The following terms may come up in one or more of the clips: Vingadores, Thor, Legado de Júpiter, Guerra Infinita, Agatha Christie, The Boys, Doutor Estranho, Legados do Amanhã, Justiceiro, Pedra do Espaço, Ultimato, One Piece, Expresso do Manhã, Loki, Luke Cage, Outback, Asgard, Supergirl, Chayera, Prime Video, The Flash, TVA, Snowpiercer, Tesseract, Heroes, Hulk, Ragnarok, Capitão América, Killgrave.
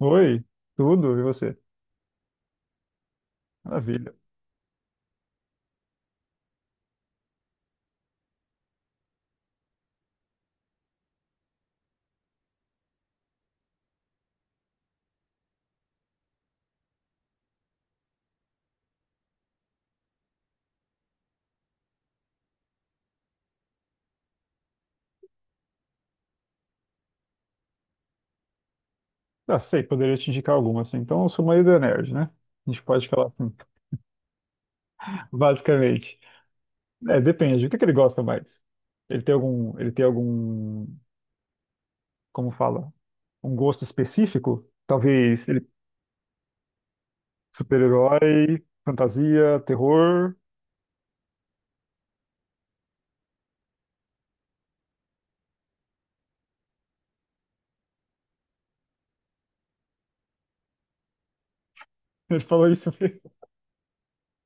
Oi, tudo, e você? Maravilha. Ah, sei, poderia te indicar alguma, assim. Então, eu sou meio do nerd, né? A gente pode falar assim, basicamente. É, depende, o que ele gosta mais? Ele tem algum, como fala, um gosto específico? Talvez ele super-herói, fantasia, terror. Ele falou isso mesmo.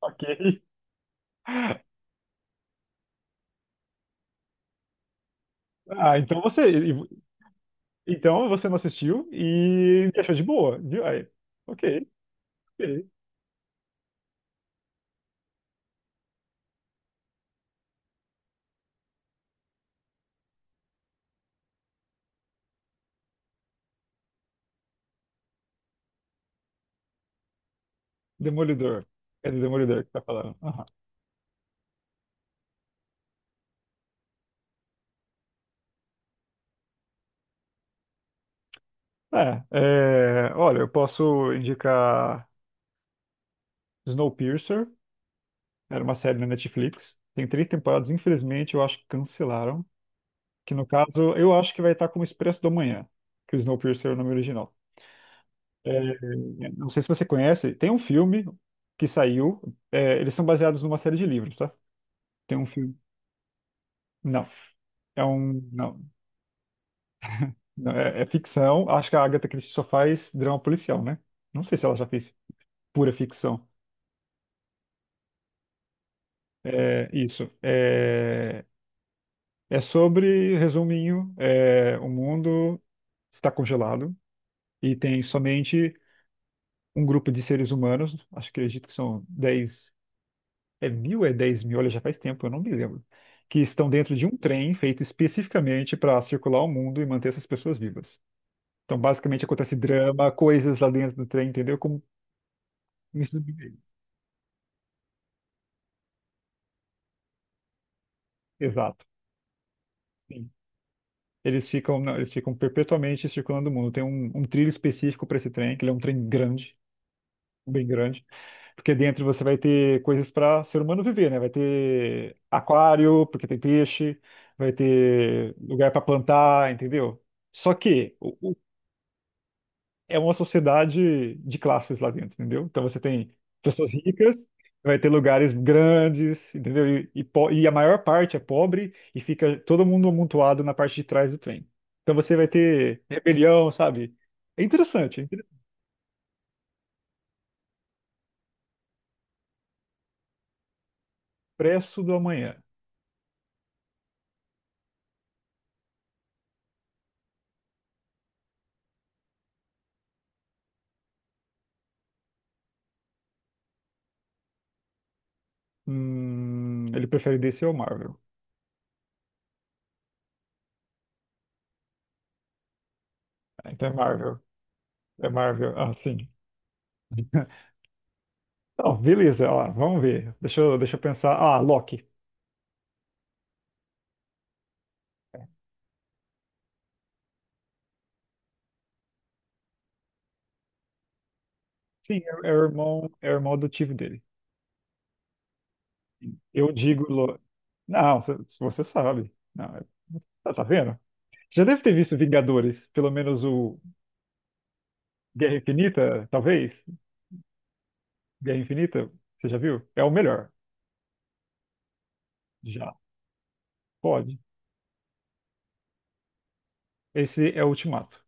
Ok. Ah, então você, e- então você não assistiu e achou de boa, viu? Aí, ok, ok. Demolidor. É do Demolidor que tá falando. Olha, eu posso indicar Snowpiercer, era uma série na Netflix, tem três temporadas, infelizmente eu acho que cancelaram, que no caso eu acho que vai estar como Expresso do Manhã, que o Snowpiercer é o nome original. É, não sei se você conhece, tem um filme que saiu, é, eles são baseados numa série de livros, tá? Tem um filme, não, é um, não, não, é, é ficção, acho que a Agatha Christie só faz drama policial, né? Não sei se ela já fez pura ficção. É, isso. É, é sobre, resuminho, é, o mundo está congelado e tem somente um grupo de seres humanos, acho que acredito que são 10, é mil, é 10 mil, olha, já faz tempo, eu não me lembro, que estão dentro de um trem feito especificamente para circular o mundo e manter essas pessoas vivas. Então, basicamente, acontece drama, coisas lá dentro do trem, entendeu? Como isso exato. Sim. Eles ficam perpetuamente circulando o mundo. Tem um trilho específico para esse trem, que ele é um trem grande. Bem grande. Porque dentro você vai ter coisas para ser humano viver, né? Vai ter aquário, porque tem peixe, vai ter lugar para plantar, entendeu? Só que o- É uma sociedade de classes lá dentro, entendeu? Então você tem pessoas ricas, vai ter lugares grandes, entendeu? E a maior parte é pobre e fica todo mundo amontoado na parte de trás do trem. Então você vai ter rebelião, sabe? É interessante, é interessante. Expresso do amanhã. Ele prefere DC ou Marvel? Ah, então é Marvel. É Marvel, ah, sim. Não, beleza, ó, vamos ver. Deixa eu pensar. Ah, Loki. Sim, é o irmão, é o irmão adotivo dele. Eu digo. Não, se você sabe. Não, é- Tá, tá vendo? Já deve ter visto Vingadores, pelo menos o Guerra Infinita, talvez. Guerra Infinita, você já viu? É o melhor. Já. Pode. Esse é o Ultimato.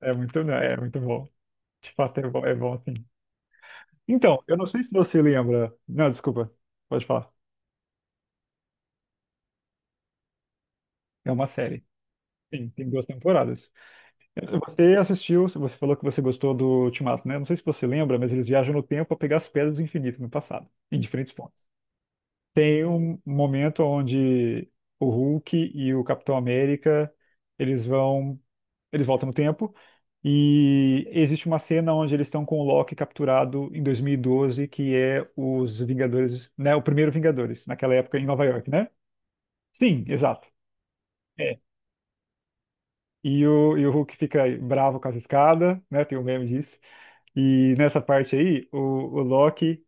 É muito bom. De fato, é bom assim. Então, eu não sei se você lembra. Não, desculpa, pode falar. É uma série. Sim, tem duas temporadas. Você assistiu, você falou que você gostou do Ultimato, né? Não sei se você lembra, mas eles viajam no tempo para pegar as pedras do infinito no passado, em diferentes pontos. Tem um momento onde o Hulk e o Capitão América, eles vão, eles voltam no tempo e existe uma cena onde eles estão com o Loki capturado em 2012, que é os Vingadores, né? O primeiro Vingadores, naquela época em Nova York, né? Sim, exato. É. E o Hulk fica bravo com as escadas, né? Tem um meme disso. E nessa parte aí, o Loki,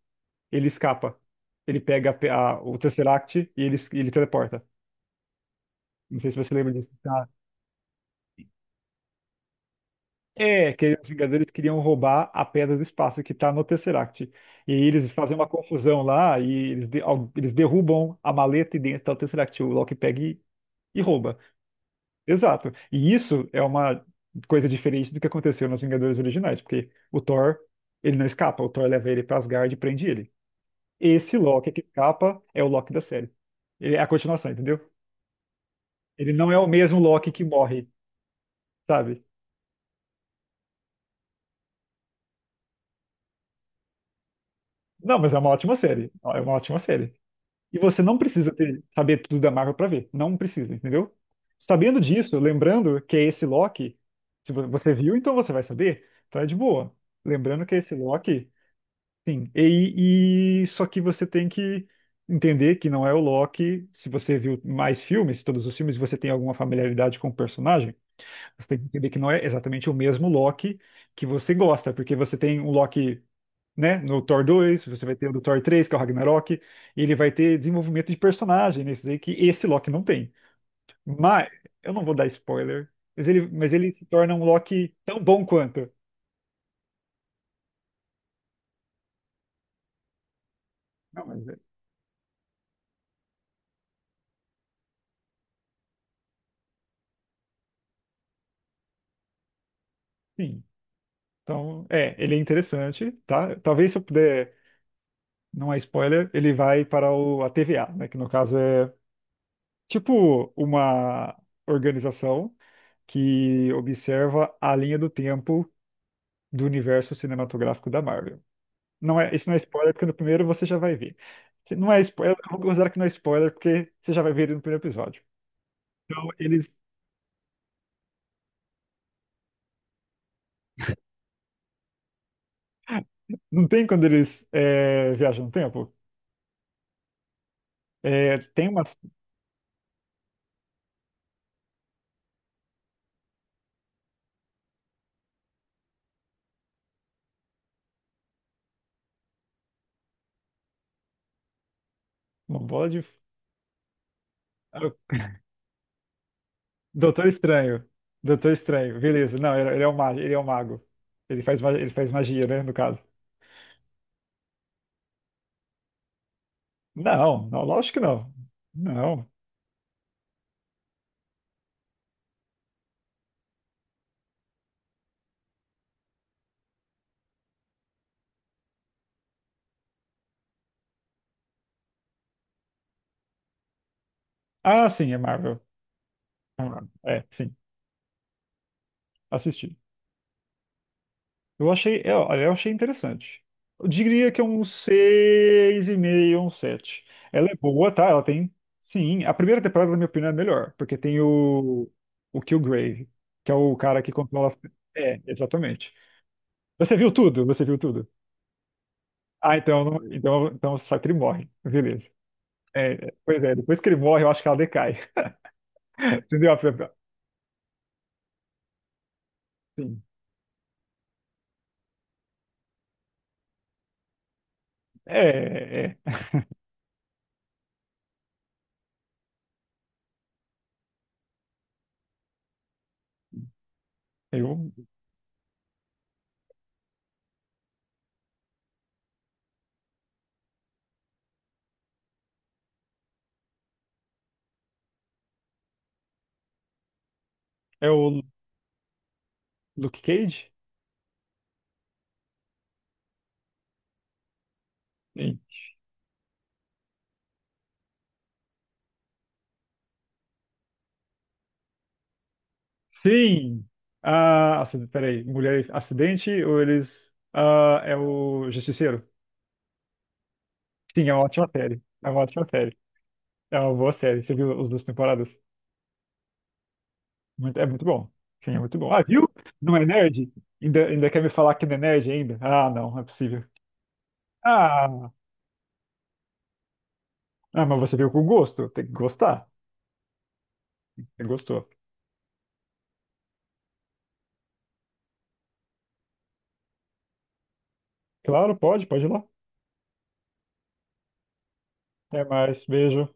ele escapa. Ele pega o Tesseract e ele teleporta. Não sei se você lembra disso. Tá? É, que os Vingadores queriam roubar a Pedra do Espaço que tá no Tesseract. E aí eles fazem uma confusão lá e eles derrubam a maleta e dentro tá o Tesseract. O Loki pega e rouba. Exato. E isso é uma coisa diferente do que aconteceu nos Vingadores originais, porque o Thor, ele não escapa, o Thor leva ele pra Asgard e prende ele. Esse Loki que escapa é o Loki da série. Ele é a continuação, entendeu? Ele não é o mesmo Loki que morre, sabe? Não, mas é uma ótima série. É uma ótima série. E você não precisa saber tudo da Marvel pra ver. Não precisa, entendeu? Sabendo disso, lembrando que é esse Loki, se você viu, então você vai saber. Então é de boa. Lembrando que é esse Loki. Sim, só que você tem que entender que não é o Loki. Se você viu mais filmes, todos os filmes, e você tem alguma familiaridade com o personagem, você tem que entender que não é exatamente o mesmo Loki que você gosta, porque você tem um Loki, né, no Thor 2, você vai ter o do Thor 3, que é o Ragnarok, e ele vai ter desenvolvimento de personagem nesses aí que esse Loki não tem. Mas eu não vou dar spoiler, mas ele se torna um Loki tão bom quanto. Não, mas é- Sim. Então, é, ele é interessante, tá? Talvez se eu puder, não é spoiler, ele vai para o, a TVA, né? Que no caso é tipo uma organização que observa a linha do tempo do universo cinematográfico da Marvel. Não é, isso não é spoiler, porque no primeiro você já vai ver. Se não é spoiler, eu vou considerar que não é spoiler, porque você já vai ver ele no primeiro episódio. Então, eles. Não tem quando eles é, viajam no tempo? É, tem uma bola de. Doutor Estranho. Doutor Estranho, beleza. Não, ele é um mago, ele é um mago. Ele faz magia, né, no caso. Não, não, lógico que não. Não. Ah, sim, é Marvel. É, Marvel. É, sim, assisti. Olha, eu achei interessante. Eu diria que é um seis e meio um 7. Ela é boa, tá? Ela tem. Sim, a primeira temporada, na minha opinião, é melhor, porque tem o Killgrave, que é o cara que controla as. É, exatamente. Você viu tudo? Você viu tudo? Então, só que ele morre. Beleza. Pois é, depois que ele morre, eu acho que ela decai. Entendeu? Sim. É, é. É o, é o Luke Cage? Sim. Sim. Peraí. Mulher acidente ou eles. Ah, é o Justiceiro? Sim, é uma ótima série. É uma ótima série. É uma boa série. Você viu as duas temporadas? É muito bom. Sim, é muito bom. Ah, viu? Não é nerd? Ainda quer me falar que não é nerd ainda? Ah, não, não é possível. Ah. Ah, mas você veio com gosto. Tem que gostar. Você gostou. Claro, pode ir lá. Até mais. Beijo.